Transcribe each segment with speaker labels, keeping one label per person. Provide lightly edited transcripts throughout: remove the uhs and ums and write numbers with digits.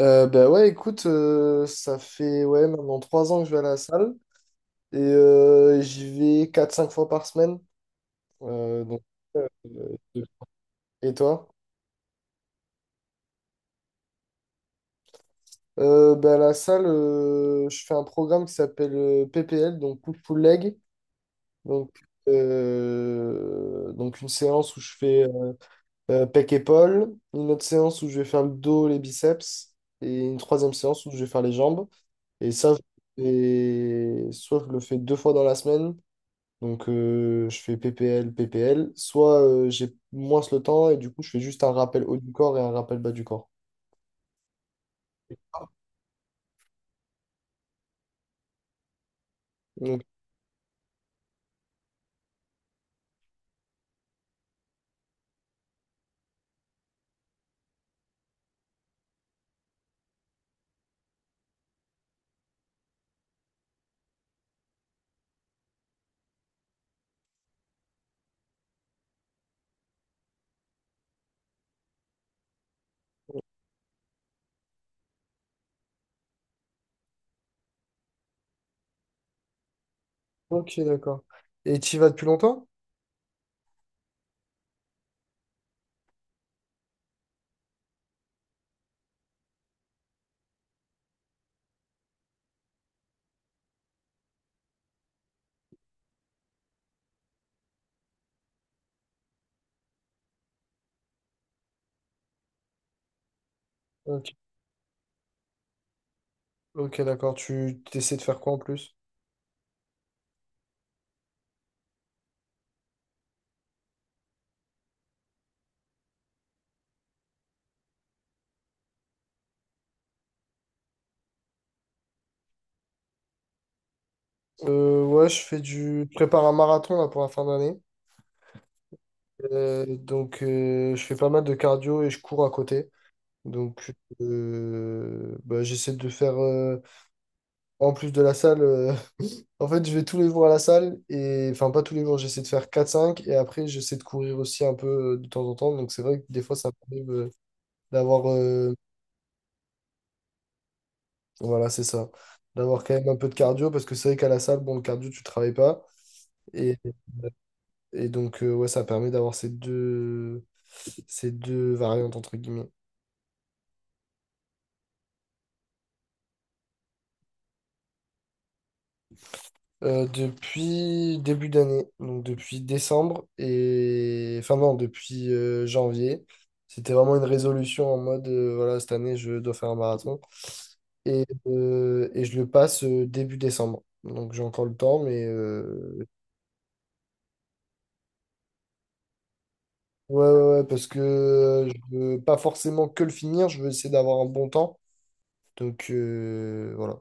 Speaker 1: Bah ouais, écoute, ça fait ouais, maintenant 3 ans que je vais à la salle et j'y vais quatre, cinq fois par semaine. Donc, euh, et toi? Bah, à la salle, je fais un programme qui s'appelle PPL, donc Push Pull Leg. Donc, donc une séance où je fais pec épaule, une autre séance où je vais faire le dos, les biceps et une troisième séance où je vais faire les jambes. Et ça, je le soit je le fais 2 fois dans la semaine. Donc, je fais PPL, PPL. Soit j'ai moins le temps et du coup, je fais juste un rappel haut du corps et un rappel bas du corps. Donc, ok, d'accord. Et tu y vas depuis longtemps? Ok. Ok, d'accord. Tu essaies de faire quoi en plus? Ouais, Je prépare un marathon là, pour la fin d'année. Donc, je fais pas mal de cardio et je cours à côté. Donc, bah, j'essaie de faire, en plus de la salle, en fait, je vais tous les jours à la salle et enfin pas tous les jours, j'essaie de faire quatre, cinq et après j'essaie de courir aussi un peu de temps en temps. Donc c'est vrai que des fois ça m'arrive d'avoir voilà, c'est ça. D'avoir quand même un peu de cardio parce que c'est vrai qu'à la salle, bon, le cardio tu travailles pas et, et donc ouais, ça permet d'avoir ces deux variantes entre guillemets. Depuis début d'année, donc depuis décembre et enfin non, depuis janvier. C'était vraiment une résolution en mode voilà, cette année je dois faire un marathon et je le passe début décembre. Donc j'ai encore le temps, mais ouais, ouais, ouais, parce que je veux pas forcément que le finir, je veux essayer d'avoir un bon temps. Donc voilà.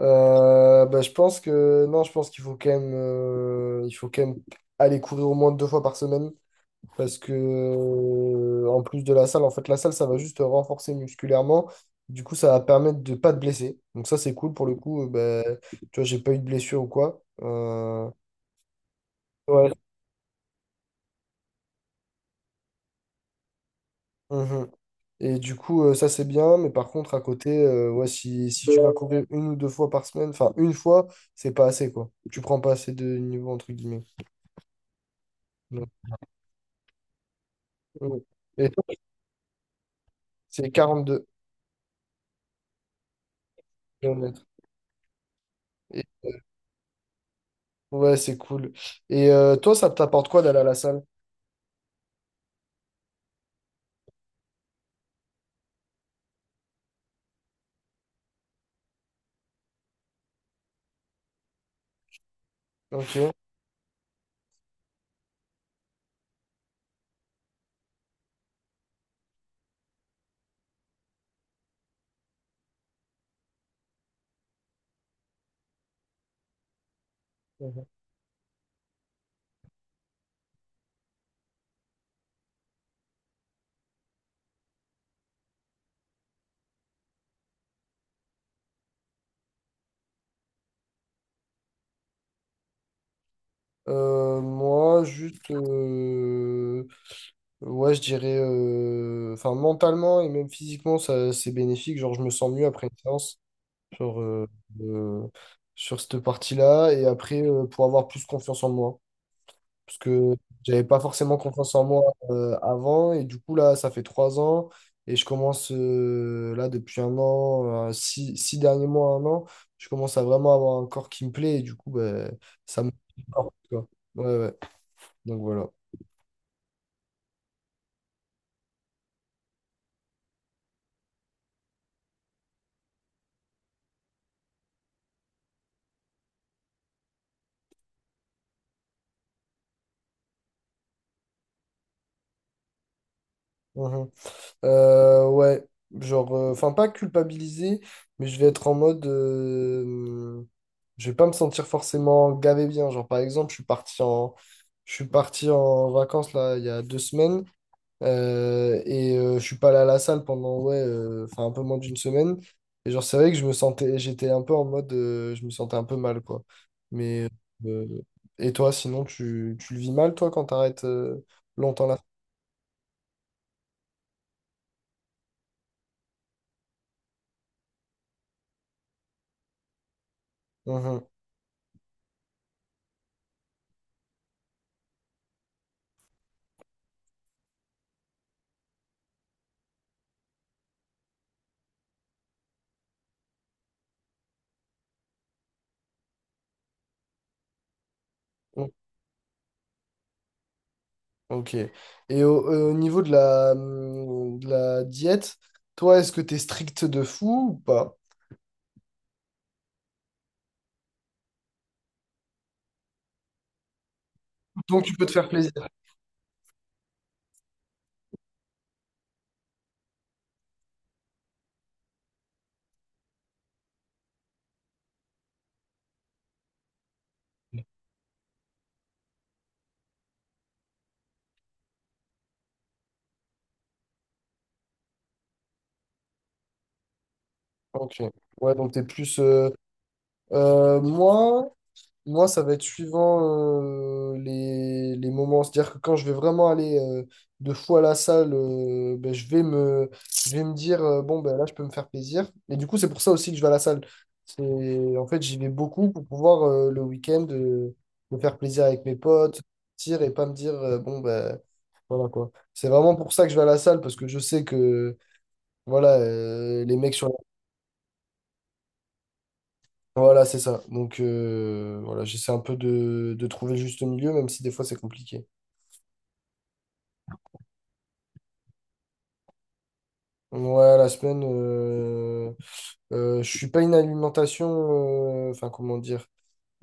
Speaker 1: Bah, je pense que non, je pense qu'il faut quand même, il faut quand même aller courir au moins 2 fois par semaine. Parce que, en plus de la salle, en fait, la salle, ça va juste te renforcer musculairement. Du coup, ça va permettre de pas te blesser. Donc, ça, c'est cool pour le coup. Ben, tu vois, j'ai pas eu de blessure ou quoi. Ouais. Mhm. Et du coup, ça, c'est bien. Mais par contre, à côté, ouais, si tu vas courir une ou deux fois par semaine, enfin, une fois, c'est pas assez, quoi. Tu prends pas assez de niveau, entre guillemets. Donc, ouais. Et toi, c'est 42 km. Et- ouais, c'est cool. Et toi, ça t'apporte quoi d'aller à la salle? Ok. Moi, juste, ouais, je dirais, enfin, mentalement et même physiquement, ça, c'est bénéfique. Genre, je me sens mieux après une séance sur, euh, euh, sur cette partie-là. Et après, pour avoir plus confiance en moi. Parce que j'avais pas forcément confiance en moi avant. Et du coup, là, ça fait 3 ans. Et je commence, là, depuis un an, six derniers mois, un an, je commence à vraiment avoir un corps qui me plaît. Et du coup, ben, ça me. Ouais, ouais. Donc voilà. Mhm. Ouais, genre, enfin, pas culpabiliser, mais je vais être en mode. Je vais pas me sentir forcément gavé bien. Genre, par exemple, je suis parti en vacances là, il y a 2 semaines et je suis pas allé à la salle pendant, ouais, enfin, un peu moins d'une semaine. Et genre, c'est vrai que je me sentais, j'étais un peu en mode. Je me sentais un peu mal, quoi. Mais. euh, et toi, sinon, tu le vis mal, toi, quand t'arrêtes longtemps là? Ok. Et au niveau de la diète, toi, est-ce que t'es strict de fou ou pas? Donc tu peux te faire plaisir. Ok. Ouais, donc t'es plus. Euh, moi, Moi, ça va être suivant les moments. C'est-à-dire que quand je vais vraiment aller 2 fois à la salle, ben, je vais me dire, bon, ben, là, je peux me faire plaisir. Et du coup, c'est pour ça aussi que je vais à la salle. C'est, en fait, j'y vais beaucoup pour pouvoir le week-end me faire plaisir avec mes potes, sortir et pas me dire, bon, ben, voilà quoi. C'est vraiment pour ça que je vais à la salle parce que je sais que, voilà, les mecs sur Voilà, c'est ça. Donc, voilà, j'essaie un peu de trouver le juste milieu, même si des fois c'est compliqué. Ouais, la semaine, je suis pas une alimentation, enfin, comment dire,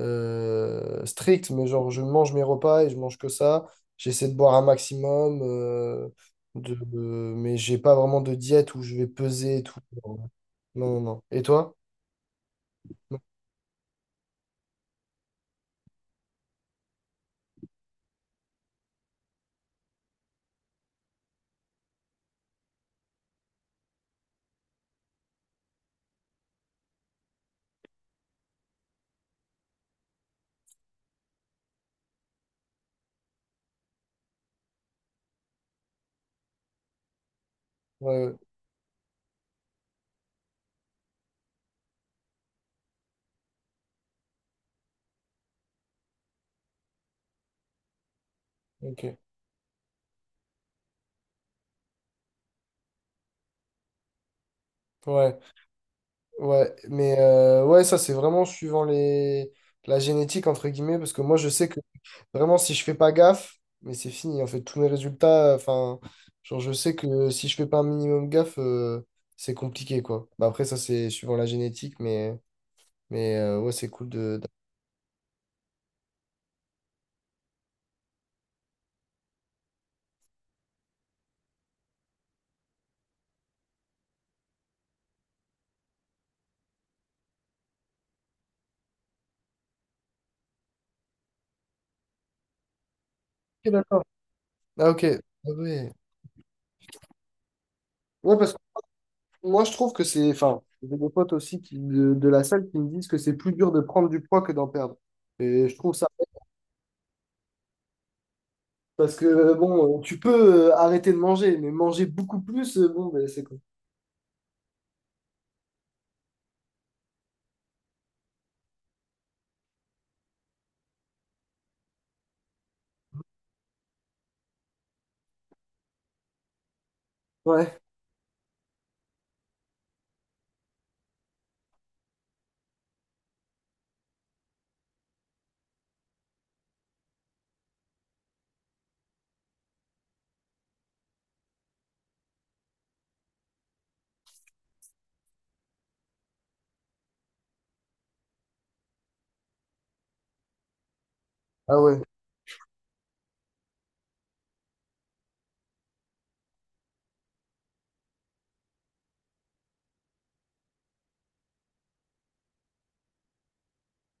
Speaker 1: stricte, mais genre, je mange mes repas et je mange que ça. J'essaie de boire un maximum, mais j'ai pas vraiment de diète où je vais peser et tout. Non, non, non. Et toi? Ouais, ouais, ok. Ouais. Ouais, mais ouais, ça c'est vraiment suivant les la génétique entre guillemets, parce que moi je sais que vraiment si je fais pas gaffe, mais c'est fini, en fait, tous mes résultats, enfin, genre je sais que si je fais pas un minimum gaffe, c'est compliqué quoi. Bah, après ça c'est suivant la génétique, mais ouais c'est cool de. Ok, d'accord. Ah ok. Ah, ouais. Ouais, parce que moi je trouve que c'est, enfin, j'ai des potes aussi qui, de la salle qui me disent que c'est plus dur de prendre du poids que d'en perdre. Et je trouve ça. Parce que, bon, tu peux arrêter de manger, mais manger beaucoup plus, bon, ben, c'est quoi? Ouais, ah ouais.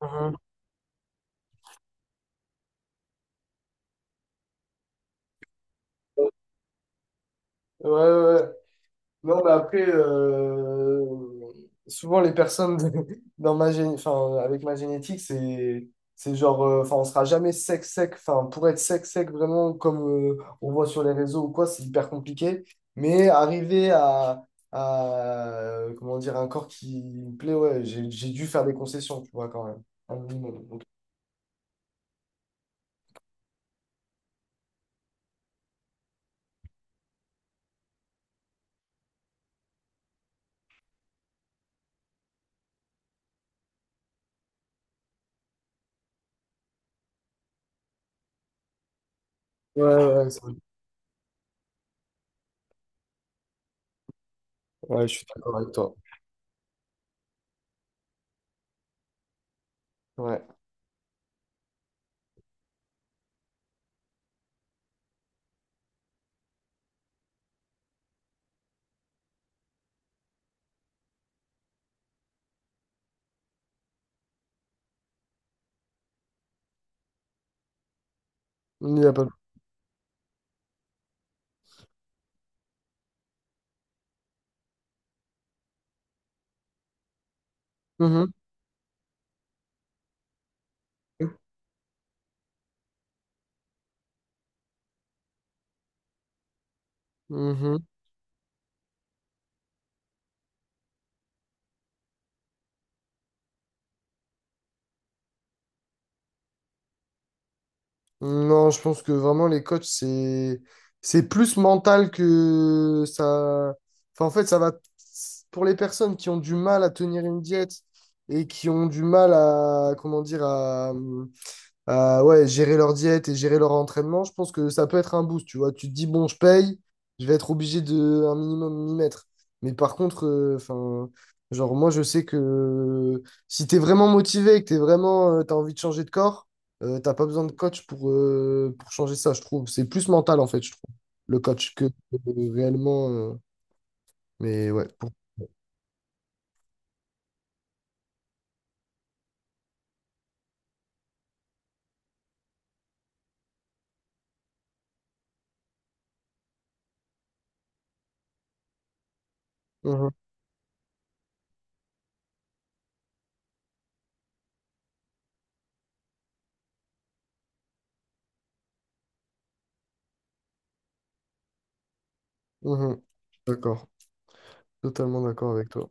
Speaker 1: Mhm. Ouais, ouais, ouais. Non, mais après, souvent les personnes dans ma enfin, avec ma génétique, c'est genre, enfin, on sera jamais sec, sec. Enfin, pour être sec, sec, vraiment, comme on voit sur les réseaux ou quoi, c'est hyper compliqué. Mais arriver à, comment dire, un corps qui me plaît, ouais, j'ai dû faire des concessions, tu vois, quand même. Un minimum. Donc, ouais, ouais, ouais, c'est vrai. Ouais, je suis d'accord avec toi. Ouais, il n'y a pas de. Mhm. Mhm. Non, je pense que vraiment les coachs, c'est plus mental que ça. Enfin, en fait, ça va pour les personnes qui ont du mal à tenir une diète et qui ont du mal à, comment dire, à, ouais, gérer leur diète et gérer leur entraînement, je pense que ça peut être un boost, tu vois. Tu te dis, bon, je paye, je vais être obligé de un minimum m'y mettre. Mais par contre, enfin, genre, moi, je sais que si t'es vraiment motivé et que t'es vraiment, t'as envie de changer de corps, t'as pas besoin de coach pour changer ça, je trouve. C'est plus mental, en fait, je trouve, le coach, que réellement. Mais ouais. Mhm, mhm. D'accord, totalement d'accord avec toi.